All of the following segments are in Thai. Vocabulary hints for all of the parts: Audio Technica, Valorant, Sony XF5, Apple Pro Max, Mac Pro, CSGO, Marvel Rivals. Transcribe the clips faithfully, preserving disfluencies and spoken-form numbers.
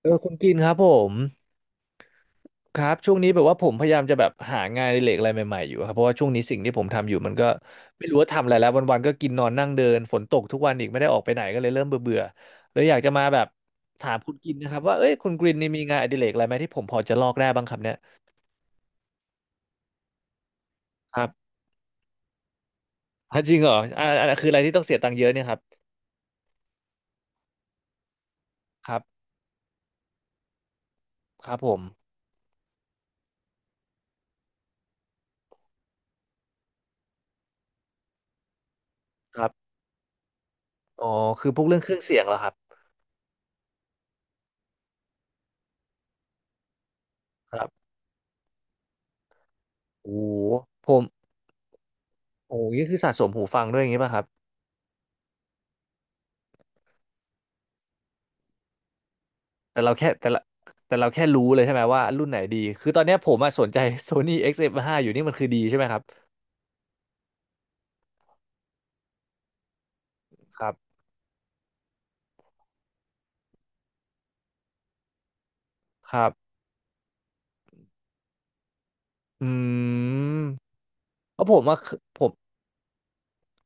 เออคุณกินครับผมครับช่วงนี้แบบว่าผมพยายามจะแบบหางานอดิเรกอะไรใหม่ๆอยู่ครับเพราะว่าช่วงนี้สิ่งที่ผมทำอยู่มันก็ไม่รู้ว่าทำอะไรแล้ววันๆก็กินนอนนั่งเดินฝนตกทุกวันอีกไม่ได้ออกไปไหนก็เลยเริ่มเบื่อๆเลยอยากจะมาแบบถามคุณกินนะครับว่าเอ้ยคุณกรีนนี่มีงานอดิเรกอะไรไหมที่ผมพอจะลอกได้บ้างครับเนี่ยครับอ่ะจริงเหรออ่าอ่าคืออะไรที่ต้องเสียตังค์เยอะเนี่ยครับครับครับผมครับอ๋อคือพวกเรื่องเครื่องเสียงเหรอครับครับโอ้โหผมโอ้โหนี่คือสะสมหูฟังด้วยอย่างงี้ป่ะครับ แต่เราแค่แต่ละแต่เราแค่รู้เลยใช่ไหมว่ารุ่นไหนดีคือตอนเนี้ยผมอะสนใจ Sony เอ็กซ์ เอฟ ห้า อกซ์เอฟห้าอยู่นี่มันคือดีใช่ไหมครับครับครับอืมเพราะผมอะผม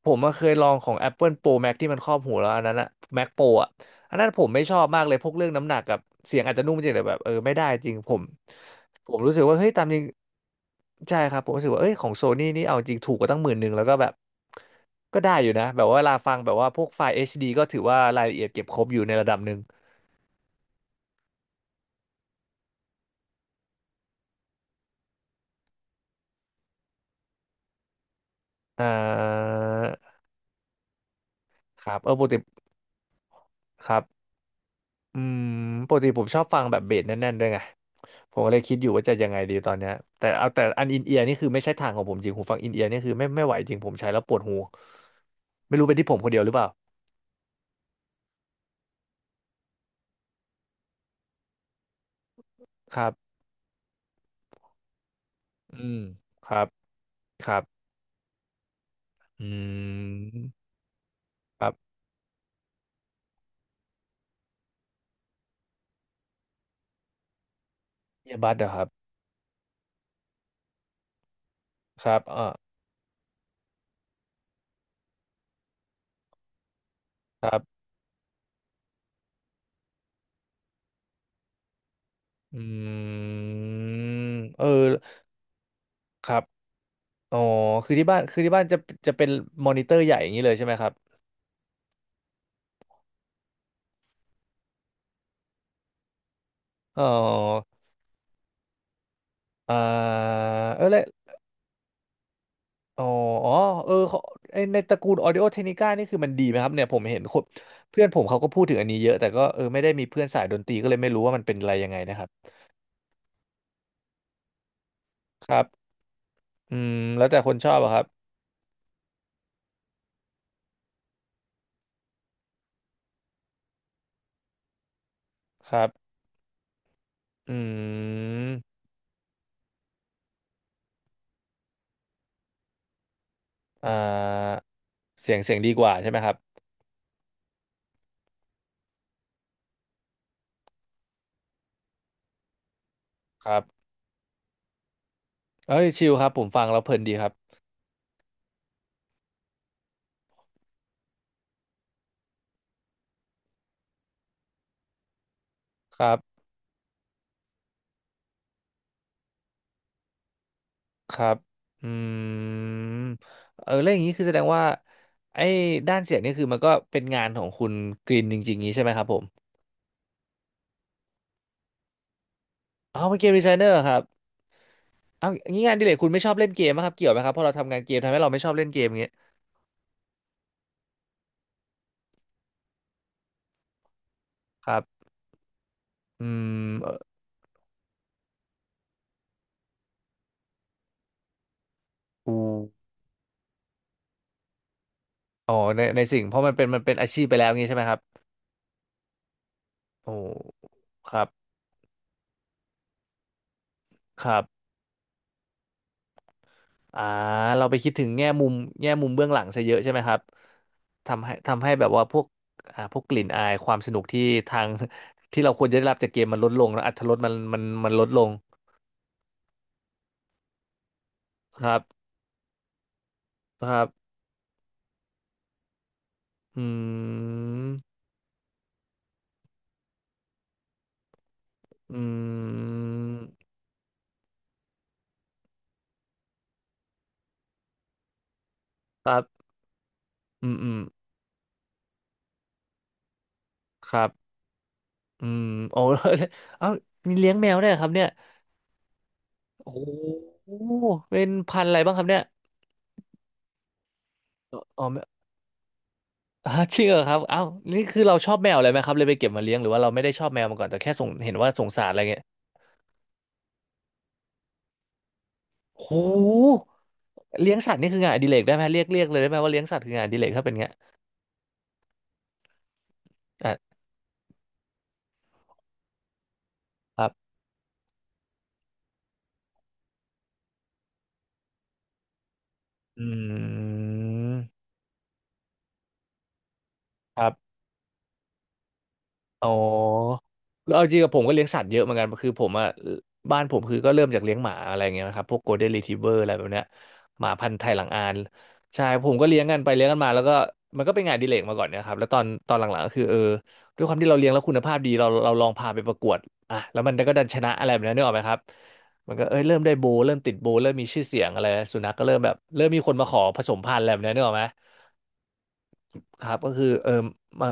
ผมมาเคยลองของ Apple Pro Max ที่มันครอบหูแล้วอันนั้นอะ Mac Pro อะอันนั้นผมไม่ชอบมากเลยพวกเรื่องน้ำหนักกับเสียงอาจจะนุ่มจริงแต่แบบเออไม่ได้จริงผมผมรู้สึกว่าเฮ้ยตามจริงใช่ครับผมรู้สึกว่าเอ้ยของโซนี่นี่เอาจริงถูกกว่าตั้งหมื่นหนึ่งแล้วก็แบบก็ได้อยู่นะแบบว่าเวลาฟังแบบว่าพวกไฟล์ เอช ดี ก็ถือว่ารายละเอียดเก็บครบอยู่ในระดับหนึ่งอ่าครับเออปกติครับอืมปกติผมชอบฟังแบบเบสแน่นๆด้วยไง ผมก็เลยคิดอยู่ว่าจะยังไงดีตอนเนี้ยแต่เอาแต่อันอินเอียร์นี่คือไม่ใช่ทางของผมจริงหูฟังอินเอียร์นี่คือไม่ไม่ไหวจริงผมใช้แล้วปวดหูไม่รู้เป็นที่ผมคนเดียวหรือเปล่าครับอืมครับครับอืมครับเอียบัดเหรอครับครับอ่าครับอืมเออครับอ๋อคือที่บ้านคือที่บ้านจะจะเป็นมอนิเตอร์ใหญ่อย่างนี้เลยใช่ไหมครับอ๋ออ่าเออแล้ว อ๋ออ๋อเออเขาไอ้ในตระกูล Audio Technica นี่คือมันดีไหมครับเนี่ยผมเห็นคนเพื่อนผมเขาก็พูดถึงอันนี้เยอะแต่ก็เออไม่ได้มีเพื่อนสายดนตรีก็เลยไม่รู้ว่ามันเป็นอะไรยังไงนะครับครับอืมแล้วแต่คนชอบอะครับครับอืมอ่าเสียงเสียงดีกว่าใช่ไหมครับครับเอ้ยชิลครับผมฟังแล้วเพลินดีครับครับครับอืมเออแล้วอย่างนี้คือแสดงว่าไอ้ด้านเสียงนี่คือมันก็เป็นงานของคุณกรีนจริงๆงี้ใช่ไหมครับผมเอาเป็นเกมดีไซเนอร์ครับ เอางี้งานอดิเรกคุณไม่ชอบเล่นเกมไหมครับเกี่ยวไหมครับเพราะเราทำงานเกมทำให้เราไม่ชอบเล่นเกมอย่างเงี้ยครับอืมเอออูอ๋อในในสิ่งเพราะมันเป็นมันเป็นอาชีพไปแล้วงี้ใช่ไหมครับโอ้ครับครับอ่าเราไปคิดถึงแง่มุมแง่มุมเบื้องหลังซะเยอะใช่ไหมครับทำให้ทำให้แบบว่าพวกอ่าพวกกลิ่นอายความสนุกที่ทาง ที่เราควรจะได้รับจากเกมมันลดลงแล้วอรรถรสมันมันมันลดลง ครับ ครับอืมอืมครับอืมอืมครับ อืมโอ้ เอ้า มีเลี้ยงแมวได้วยเหรอครับเนี่ยโอ้โหเป็นพันธุ์อะไรบ้างครับเนี่ยอ๋อไม่อ่า จริงเหรอครับเอ้านี่คือเราชอบแมวเลยไหมครับเลยไปเก็บมาเลี้ยงหรือว่าเราไม่ได้ชอบแมวมาก่อนแต่แค่สงเห็นว่าสงสารอะไรเงี้ยโอ้โหเลี้ยงสัตว์นี่คืองานอดิเรกได้ไหมเรียกเรียกเลยได้ไหมว่าเลี้ยงสัตว์คืองานอดิเรกถ้าเป็นเงี้ยอ่ะครับอืมครับ อ๋อแล้วเอาจริงกับผมก็เลี้ยงสัตว์เยอะเหมือนกันคือผมอ่ะบ้านผมคือก็เริ่มจากเลี้ยงหมาอะไรเงี้ยนะครับพวกโกลเด้นรีทรีเวอร์อะไรแบบเนี้ยหมาพันธุ์ไทยหลังอานใช่ผมก็เลี้ยงกันไปเลี้ยงกันมาแล้วก็มันก็เป็นงานอดิเลกมาก่อนเนะครับแล้วตอนตอนหลังๆก็คือเออด้วยความที่เราเลี้ยงแล้วคุณภาพดีเราเราลองพาไปประกวดอ่ะแล้วมันก็ดันชนะอะไรแบบนั้นนึกออกไหมครับมันก็เอ้ยเริ่มได้โบว์เริ่มติดโบว์เริ่มมีชื่อเสียงอะไรสุนัขก็เริ่มแบบเริ่มมีคนมาขอผสมพันธุ์อะไรแบบนี้นึกออกไหม ครับก็คือเออมา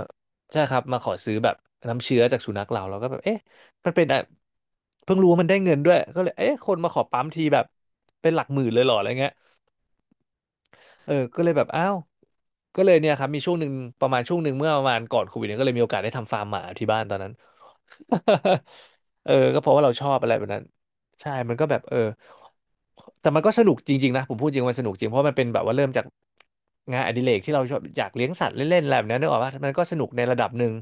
ใช่ครับมาขอซื้อแบบน้ำเชื้อจากสุนัขเราเราก็แบบเอ๊ะมันเป็นอะเพิ่งรู้ว่ามันได้เงินด้วยก็เลยเอ๊ะคนมาขอปั๊มทีแบบเป็นหลักหมื่นเลยเหรออะไรเงี้ย เออก็เลยแบบอ้าวก็เลยเนี่ยครับมีช่วงหนึ่งประมาณช่วงหนึ่งเมื่อประมาณก่อนโควิดเนี่ยก็เลยมีโอกาสได้ทำฟาร์มหมาที่บ้านตอนนั้น เออก็เพราะว่าเราชอบอะไรแบบนั้นใช่มันก็แบบเออแต่มันก็สนุกจริงๆนะผมพูดจริงมันสนุกจริงเพราะมันเป็นแบบว่าเริ่มจากงานอดิเรกที่เราชอบอยากเลี้ยงสัตว์เล่นๆอะไรแบบนั้นนึกออกปะมันก็สนุกในระดับหนึ่ง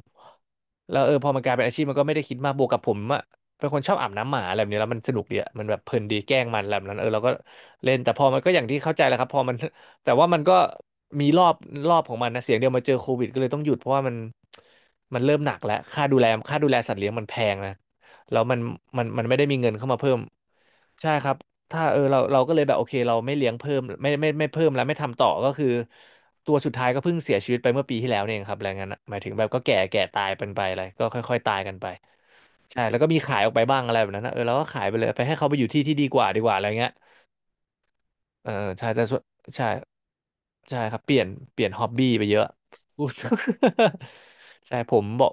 แล้วเออพอมันกลายเป็นอาชีพมันก็ไม่ได้คิดมากบวกกับผมอะเป็นคนชอบอาบน้ำหมาอะไรแบบนี้แล้วมันสนุกดีอะมันแบบเพลินดีแกล้งมันอะไรแบบนั้นเออเราก็เล่นแต่พอมันก็อย่างที่เข้าใจแหละครับพอมัน แต่ว่ามันก็มีรอบรอบของมันนะเสียงเดียวมาเจอโควิดก็เลยต้องหยุดเพราะว่ามันมันเริ่มหนักแล้วค่าดูแลค่าดูแลสัตว์เลี้ยงมันแพงนะแล้วมันมันมันไม่ได้มีเงินเข้ามาเพิ่มใช่ครับถ้าเออเราเราก็เลยแบบโอเคเราไม่เลี้ยงเพิ่มไม่ไม่ไม่เพิ่มแล้วไม่ทำต่อก็คือตัวสุดท้ายก็เพิ่งเสียชีวิตไปเมื่อปีที่แล้วเนี่ยเองครับอะไรงั้นนะหมายถึงแบบก็แก่แก่ตายเป็นไปอะไรก็ค่อยๆตายกันไปใช่แล้วก็มีขายออกไปบ้างอะไรแบบนั้นนะเออเราก็ขายไปเลยไปให้เขาไปอยู่ที่ที่ดีกว่าดีกว่าอะไรเงี้ย เออใช่แต่ส่วนใช่ใช่ครับเปลี่ยนเปลี่ยนฮอบบี้ไปเยอะพูด ใช่ผมบอก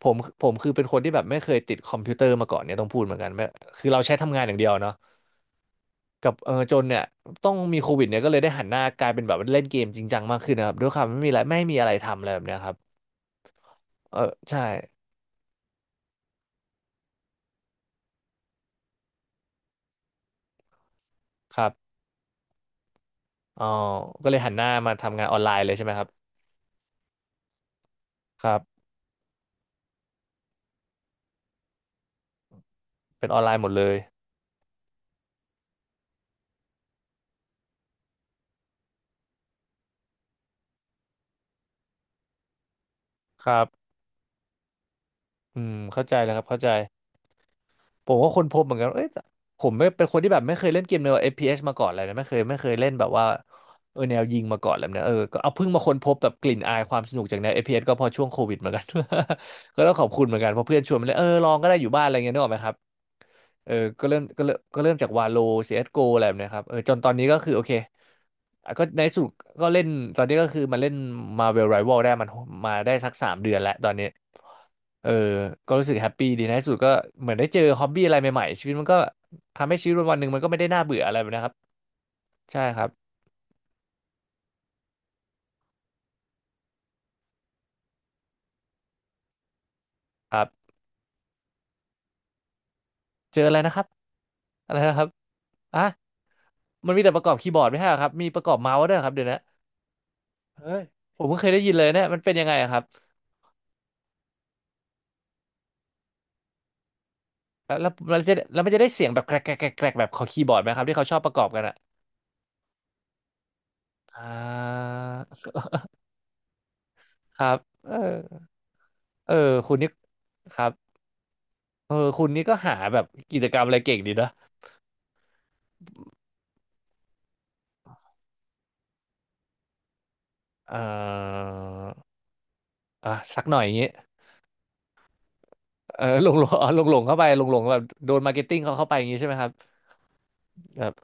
ผมผมคือเป็นคนที่แบบไม่เคยติดคอมพิวเตอร์มาก่อนเนี่ยต้องพูดเหมือนกันไม่คือเราใช้ทำงานอย่างเดียวเนาะกับเออจนเนี่ยต้องมีโควิดเนี่ยก็เลยได้หันหน้ากลายเป็นแบบเล่นเกมจริงจังมากขึ้นนะครับด้วยความไม่มีอะไรไม่มีอะไรทำอะไรแบบเนี้ยครับเออใช่ครับอ๋อก็เลยหันหน้ามาทำงานออนไลน์เลยใช่ไหมครับครับเป็นออนไลน์หมดเลยครับอืมเข้าใจแล้วครับเข้าใจ ผมก็ค้นพบเหมือนกันว่าเอ้ยผมไม่เป็นคนที่แบบไม่เคยเล่นเกมแนว เอฟ พี เอส มาก่อนเลยนะไม่เคยไม่เคยเล่นแบบว่าเออแนวยิงมาก่อนเลยนะเออก็เอาเพิ่งมาค้นพบแบบกลิ่นอายความสนุกจากแนว เอฟ พี เอส ก็พอช่วงโควิดเหมือนกัน ก็ต้องขอบคุณเหมือนกันเพราะเพื่อนชวนมาเล่นเออลองก็ได้อยู่บ้านอะไรเงี้ยนึกออกไหมครับ เออก็เริ่มก็เริ่มก็เริ่มจากวาโล ซี เอส จี โอ อสโกอะไรแบบเนี้ยครับเออจนตอนนี้ก็คือโอเคอ่ะก็ในที่สุดก็เล่นตอนนี้ก็คือมาเล่น Marvel Rival ได้มันมาได้สักสามเดือนแล้วตอนนี้เออก็รู้สึกแฮปปี้ดีในที่สุดก็เหมือนได้เจอฮอบบี้อะไรใหม่ๆชีวิตมันก็ทำให้ชีวิตวันหนึ่งมันก็ไม่ได้น่าเบื่ออะไรแบบนะครับใช่ครับครับเจออะไรนะครับอะไรนะครับอ่ะมันมีแต่ประกอบคีย์บอร์ดไม่ใช่เหรอครับมีประกอบเมาส์ด้วยเหรอครับเดี๋ยวนะเฮ้ยผมเพิ่งเคยได้ยินเลยเนยมันเป็นยังไงอะครับ แล้วแล้วมันจะแล้วมันจะได้เสียงแบบแกรกแกรกแกรกแกรกแบบของคีย์บอร์ดไหมครับที่เขาชอบประกอบกันอะอ่าครับเออเออคุณนี่ครับเออคุณนี่ก็หาแบบกิจกรรมอะไรเก่งดีเนอะเอออ่ะสักหน่อยอย่างงี้เออหลงหลงอ๋อหลงหลงเข้าไปหลงหลงแบบโดนมาร์เก็ตติ้งเขาเข้าไปอย่างงี้ใช่ไหมครับแบบ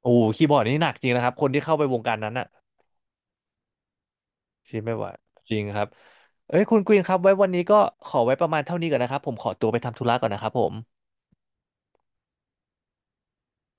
โอ้โหคีย์บอร์ดนี่หนักจริงนะครับคนที่เข้าไปวงการนั้นอะคิดไม่ไหวจริงครับเอ้ยคุณกรีนครับไว้วันนี้ก็ขอไว้ประมาณเท่านี้ก่อนนะครับผมขอตัวไปทำธุระก่อนนะครับผม